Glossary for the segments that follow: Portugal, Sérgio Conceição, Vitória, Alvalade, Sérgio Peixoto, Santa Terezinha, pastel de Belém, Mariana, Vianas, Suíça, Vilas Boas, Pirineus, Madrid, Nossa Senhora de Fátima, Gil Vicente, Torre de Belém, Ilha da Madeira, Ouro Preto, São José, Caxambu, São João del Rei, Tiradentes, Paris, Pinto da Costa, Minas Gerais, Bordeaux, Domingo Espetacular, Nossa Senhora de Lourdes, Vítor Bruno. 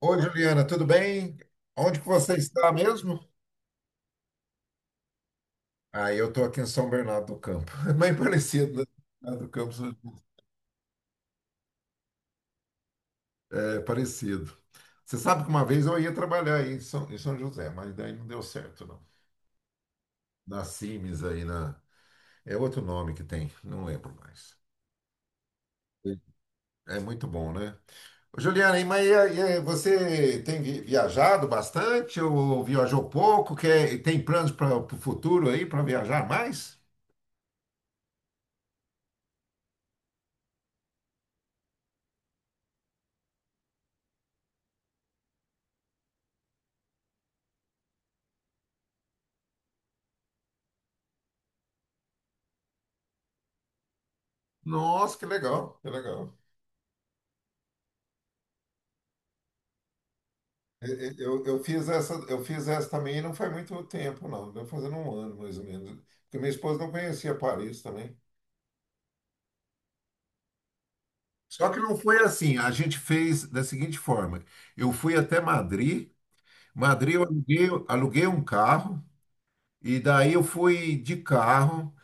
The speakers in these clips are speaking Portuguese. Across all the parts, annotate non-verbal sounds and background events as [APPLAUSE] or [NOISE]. Oi, Juliana, tudo bem? Onde que você está mesmo? Ah, eu estou aqui em São Bernardo do Campo. [LAUGHS] Bem parecido, né? Bernardo do Campo é parecido. Você sabe que uma vez eu ia trabalhar aí em São José, mas daí não deu certo, não. Na Cimes aí na. É outro nome que tem, não lembro mais. É muito bom, né? Ô, Juliana, mas e aí, você tem viajado bastante ou viajou pouco? Tem planos para o futuro aí para viajar mais? Nossa, que legal, que legal. Eu fiz essa também e não faz muito tempo, não. Deu fazendo um ano, mais ou menos. Porque minha esposa não conhecia Paris também. Só que não foi assim. A gente fez da seguinte forma. Eu fui até Madrid. Madrid eu aluguei um carro. E daí eu fui de carro.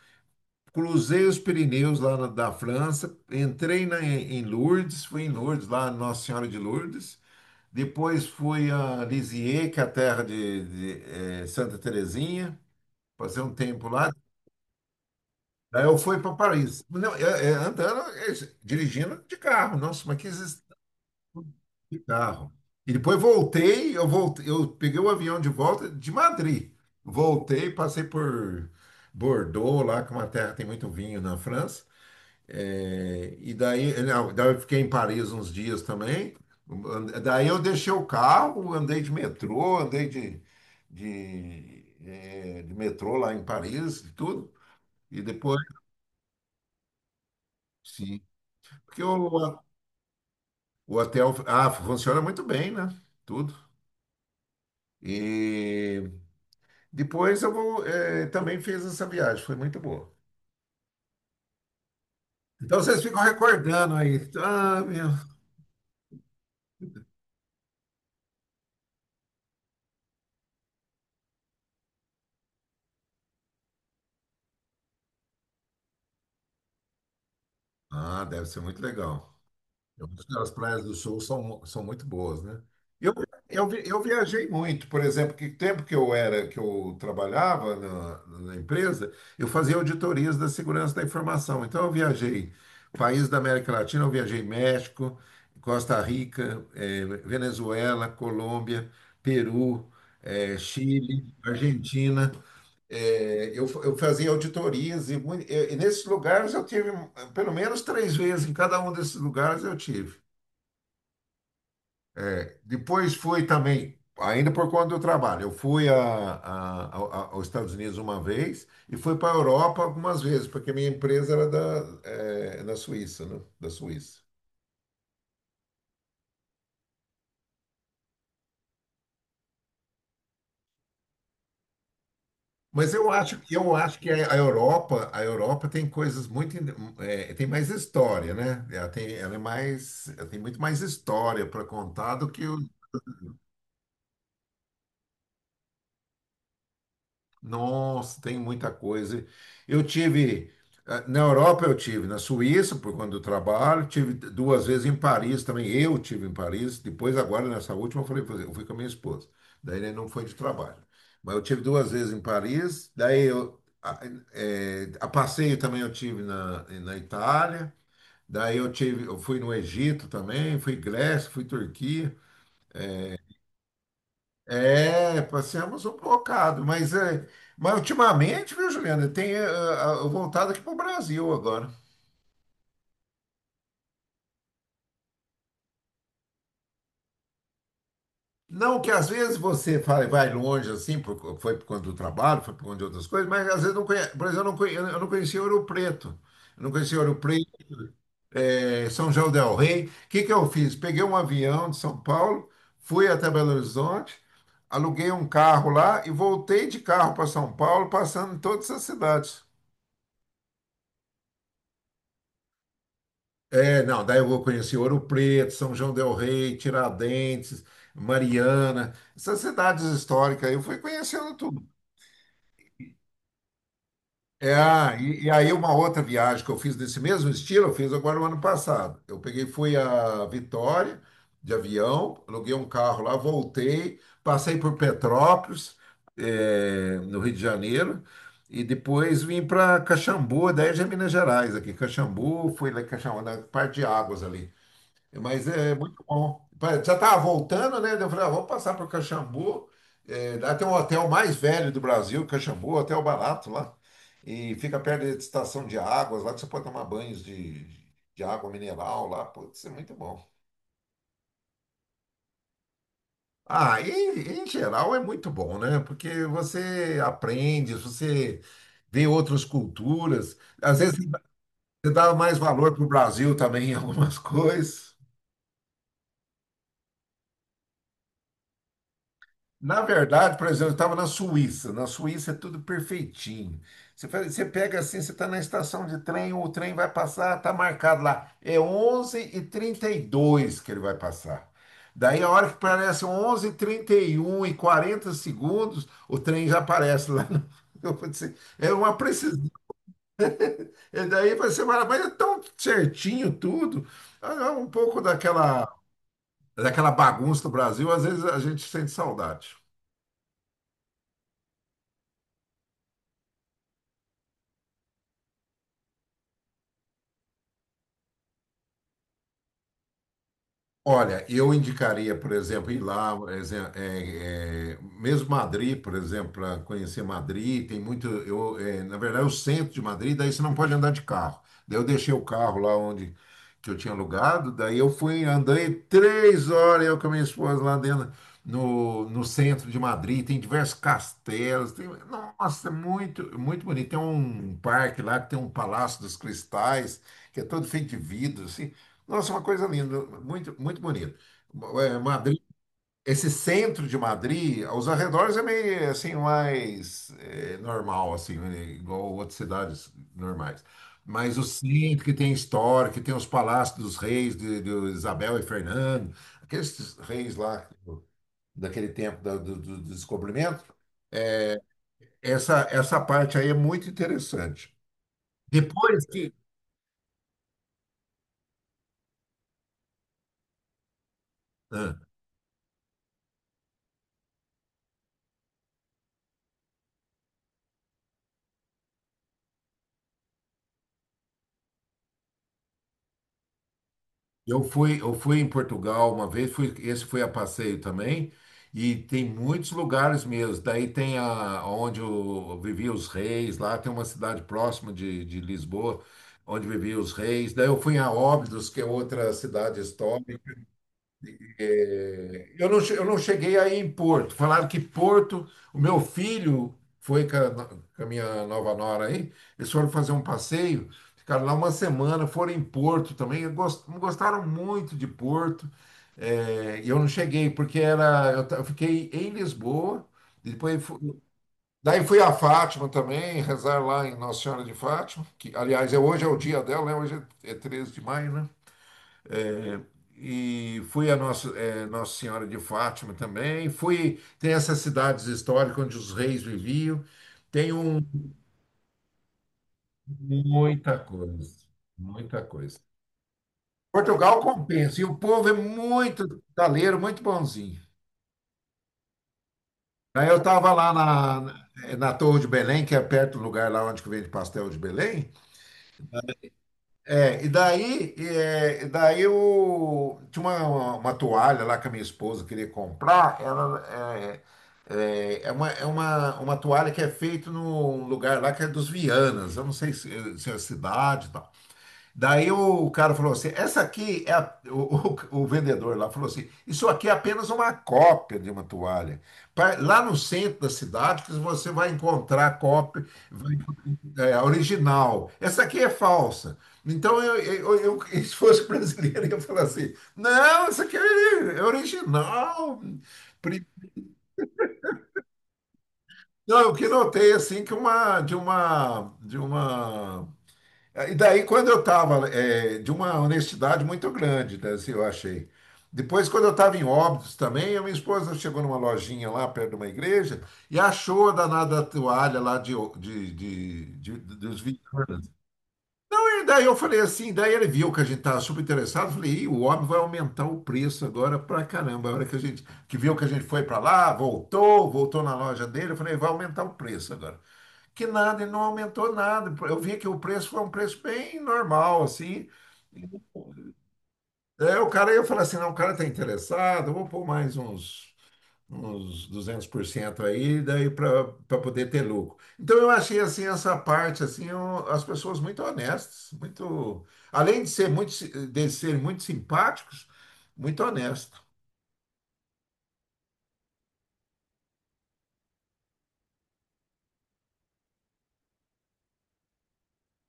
Cruzei os Pirineus lá da França. Entrei em Lourdes. Fui em Lourdes, lá Nossa Senhora de Lourdes. Depois fui a Lisieux, que é a terra de Santa Terezinha. Fazer um tempo lá. Daí eu fui para Paris. Não, andando, dirigindo de carro. Nossa, mas que existência de carro. E depois voltei, eu peguei o avião de volta de Madrid. Voltei, passei por Bordeaux, lá que é uma terra que tem muito vinho na França. E daí, não, daí eu fiquei em Paris uns dias também. Daí eu deixei o carro, andei de metrô, andei de metrô lá em Paris e tudo. E depois. Sim. Porque o hotel funciona muito bem, né? Tudo. E depois também fiz essa viagem, foi muito boa. Então vocês ficam recordando aí. Ah, meu. Ah, deve ser muito legal. As praias do Sul são muito boas, né? Eu, eu viajei muito, por exemplo, que tempo que eu era, que eu trabalhava na empresa. Eu fazia auditorias da segurança da informação. Então eu viajei países da América Latina, eu viajei México, Costa Rica, Venezuela, Colômbia, Peru, Chile, Argentina. Eu fazia auditorias e nesses lugares eu tive pelo menos três vezes em cada um desses lugares eu tive. Depois fui também, ainda por conta do trabalho. Eu fui aos Estados Unidos uma vez e fui para a Europa algumas vezes, porque minha empresa na Suíça, né? Da Suíça. Mas eu acho que a Europa tem coisas muito, tem mais história, né? Ela tem muito mais história para contar do que os. Nossa, tem muita coisa. Eu tive, Na Europa eu tive, na Suíça, por conta do trabalho, tive duas vezes em Paris também, eu tive em Paris, depois agora nessa última eu falei: "Pois é, eu fui com a minha esposa, daí, né, não foi de trabalho." Mas eu tive duas vezes em Paris, daí a passeio também eu tive na Itália, daí eu fui no Egito também, fui Grécia, fui Turquia, é, passamos um bocado, mas, ultimamente, viu, Juliana, tem voltado aqui para o Brasil agora. Não que às vezes você vai longe assim, foi por conta do trabalho, foi por conta de outras coisas, mas às vezes não conhece, por exemplo, eu não conhecia Ouro Preto, eu não conhecia Ouro Preto, São João del Rei. O que que eu fiz? Peguei um avião de São Paulo, fui até Belo Horizonte, aluguei um carro lá e voltei de carro para São Paulo, passando em todas as cidades. Não, daí eu conheci Ouro Preto, São João del Rei, Tiradentes, Mariana, essas cidades históricas, aí eu fui conhecendo tudo. E aí uma outra viagem que eu fiz desse mesmo estilo, eu fiz agora o ano passado. Fui a Vitória de avião, aluguei um carro lá, voltei, passei por Petrópolis, no Rio de Janeiro, e depois vim para Caxambu, daí já é Minas Gerais aqui, Caxambu, fui lá em Caxambu, na parte de águas ali. Mas é muito bom. Já estava voltando, né? Daí eu falei: ah, vamos passar para o Caxambu. Lá tem um hotel mais velho do Brasil, Caxambu, Hotel Barato lá. E fica perto da estação de águas, lá que você pode tomar banhos de água mineral lá. Putz, é muito bom. Em geral é muito bom, né? Porque você aprende, você vê outras culturas. Às vezes você dá mais valor para o Brasil também em algumas [LAUGHS] coisas. Na verdade, por exemplo, eu estava na Suíça. Na Suíça é tudo perfeitinho. Você pega assim, você está na estação de trem, o trem vai passar, está marcado lá. É 11h32 que ele vai passar. Daí, a hora que parece 11h31 e 40 segundos, o trem já aparece lá. [LAUGHS] Eu falei assim: é uma precisão. E daí você fala: mas é tão certinho tudo. Ah, é um pouco daquela bagunça do Brasil, às vezes a gente sente saudade. Olha, eu indicaria, por exemplo, ir lá, mesmo Madrid, por exemplo, para conhecer Madrid, tem muito. Na verdade, o centro de Madrid, daí você não pode andar de carro. Daí eu deixei o carro lá onde que eu tinha alugado, daí andei 3 horas, eu com a minha esposa lá dentro, no centro de Madrid, tem diversos castelos, tem, nossa, é muito, muito bonito. Tem um parque lá que tem um Palácio dos Cristais, que é todo feito de vidro, assim, nossa, uma coisa linda, muito, muito bonito. Madrid, esse centro de Madrid, aos arredores é meio assim, mais normal, assim, né, igual outras cidades normais. Mas o centro que tem história, que tem os palácios dos reis, de Isabel e Fernando, aqueles reis lá daquele tempo do descobrimento, essa parte aí é muito interessante. Depois que. Eu fui em Portugal uma vez, esse foi a passeio também, e tem muitos lugares mesmo. Daí tem onde eu vivia os reis, lá tem uma cidade próxima de Lisboa, onde viviam os reis. Daí eu fui a Óbidos, que é outra cidade. Eu não cheguei aí em Porto. Falaram que Porto, o meu filho foi com a, no- com a minha nova nora aí, eles foram fazer um passeio, ficaram lá uma semana, foram em Porto também, e gostaram muito de Porto. É, e eu não cheguei, porque eu fiquei em Lisboa, e depois daí fui a Fátima também, rezar lá em Nossa Senhora de Fátima, que aliás hoje é o dia dela, né? Hoje é 13 de maio, né? É, e fui a Nossa Senhora de Fátima também. Tem essas cidades históricas onde os reis viviam. Tem um, Muita coisa, muita coisa. Portugal compensa, e o povo é muito taleiro, muito bonzinho. Aí eu estava lá na Torre de Belém, que é perto do lugar lá onde que vende pastel de Belém. E daí eu tinha uma toalha lá que a minha esposa queria comprar. Ela é, é, é uma, é uma, uma toalha que é feita num lugar lá que é dos Vianas. Eu não sei se é a cidade e tal. Daí o cara falou assim: essa aqui é a-. O vendedor lá falou assim: isso aqui é apenas uma cópia de uma toalha. Lá no centro da cidade, que você vai encontrar cópia, a original. Essa aqui é falsa. Então, [LAUGHS] se fosse brasileiro, eu ia falar assim: não, essa aqui é original. Pri- Não, eu que notei assim que uma, de uma, de uma. E daí, quando eu estava, de uma honestidade muito grande, né, assim, eu achei. Depois, quando eu estava em Óbidos também, a minha esposa chegou numa lojinha lá perto de uma igreja e achou a danada toalha lá dos Vianas. Daí eu falei assim, Daí ele viu que a gente estava super interessado, falei: ih, o homem vai aumentar o preço agora pra caramba. A hora que a gente que viu que a gente foi para lá, voltou, na loja dele, eu falei: vai aumentar o preço agora. Que nada, ele não aumentou nada. Eu vi que o preço foi um preço bem normal, assim. Eu falei assim: não, o cara tá interessado, eu vou pôr mais uns 200% aí, daí para poder ter lucro. Então eu achei assim essa parte assim, as pessoas muito honestas, muito além de ser muito de serem muito simpáticos, muito honestas.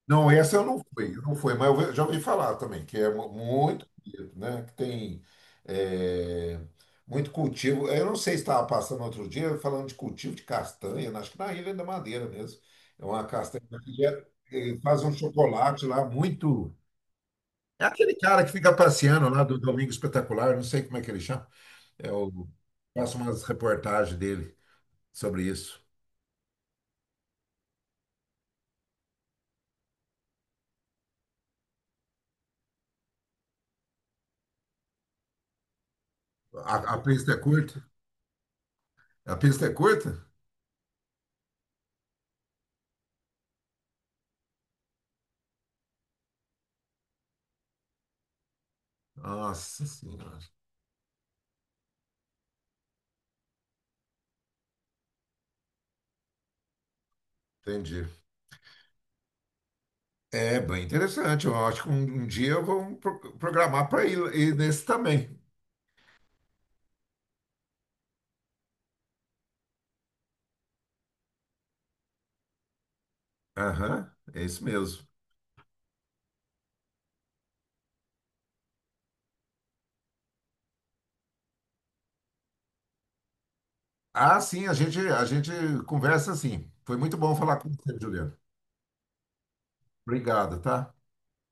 Não, essa eu não fui, mas eu já ouvi falar também que é muito bonito, né? Que tem é, muito cultivo. Eu não sei se estava passando outro dia falando de cultivo de castanha, né? Acho que na Ilha da Madeira mesmo. É uma castanha que que faz um chocolate lá muito. É aquele cara que fica passeando lá do Domingo Espetacular, não sei como é que ele chama. É o- Faço umas reportagens dele sobre isso. A pista é curta? A pista é curta? Nossa Senhora, entendi. É bem interessante. Eu acho que um dia eu vou programar para ir, nesse também. Aham, é isso mesmo. Ah, sim, a gente conversa assim. Foi muito bom falar com você, Juliano. Obrigado, tá?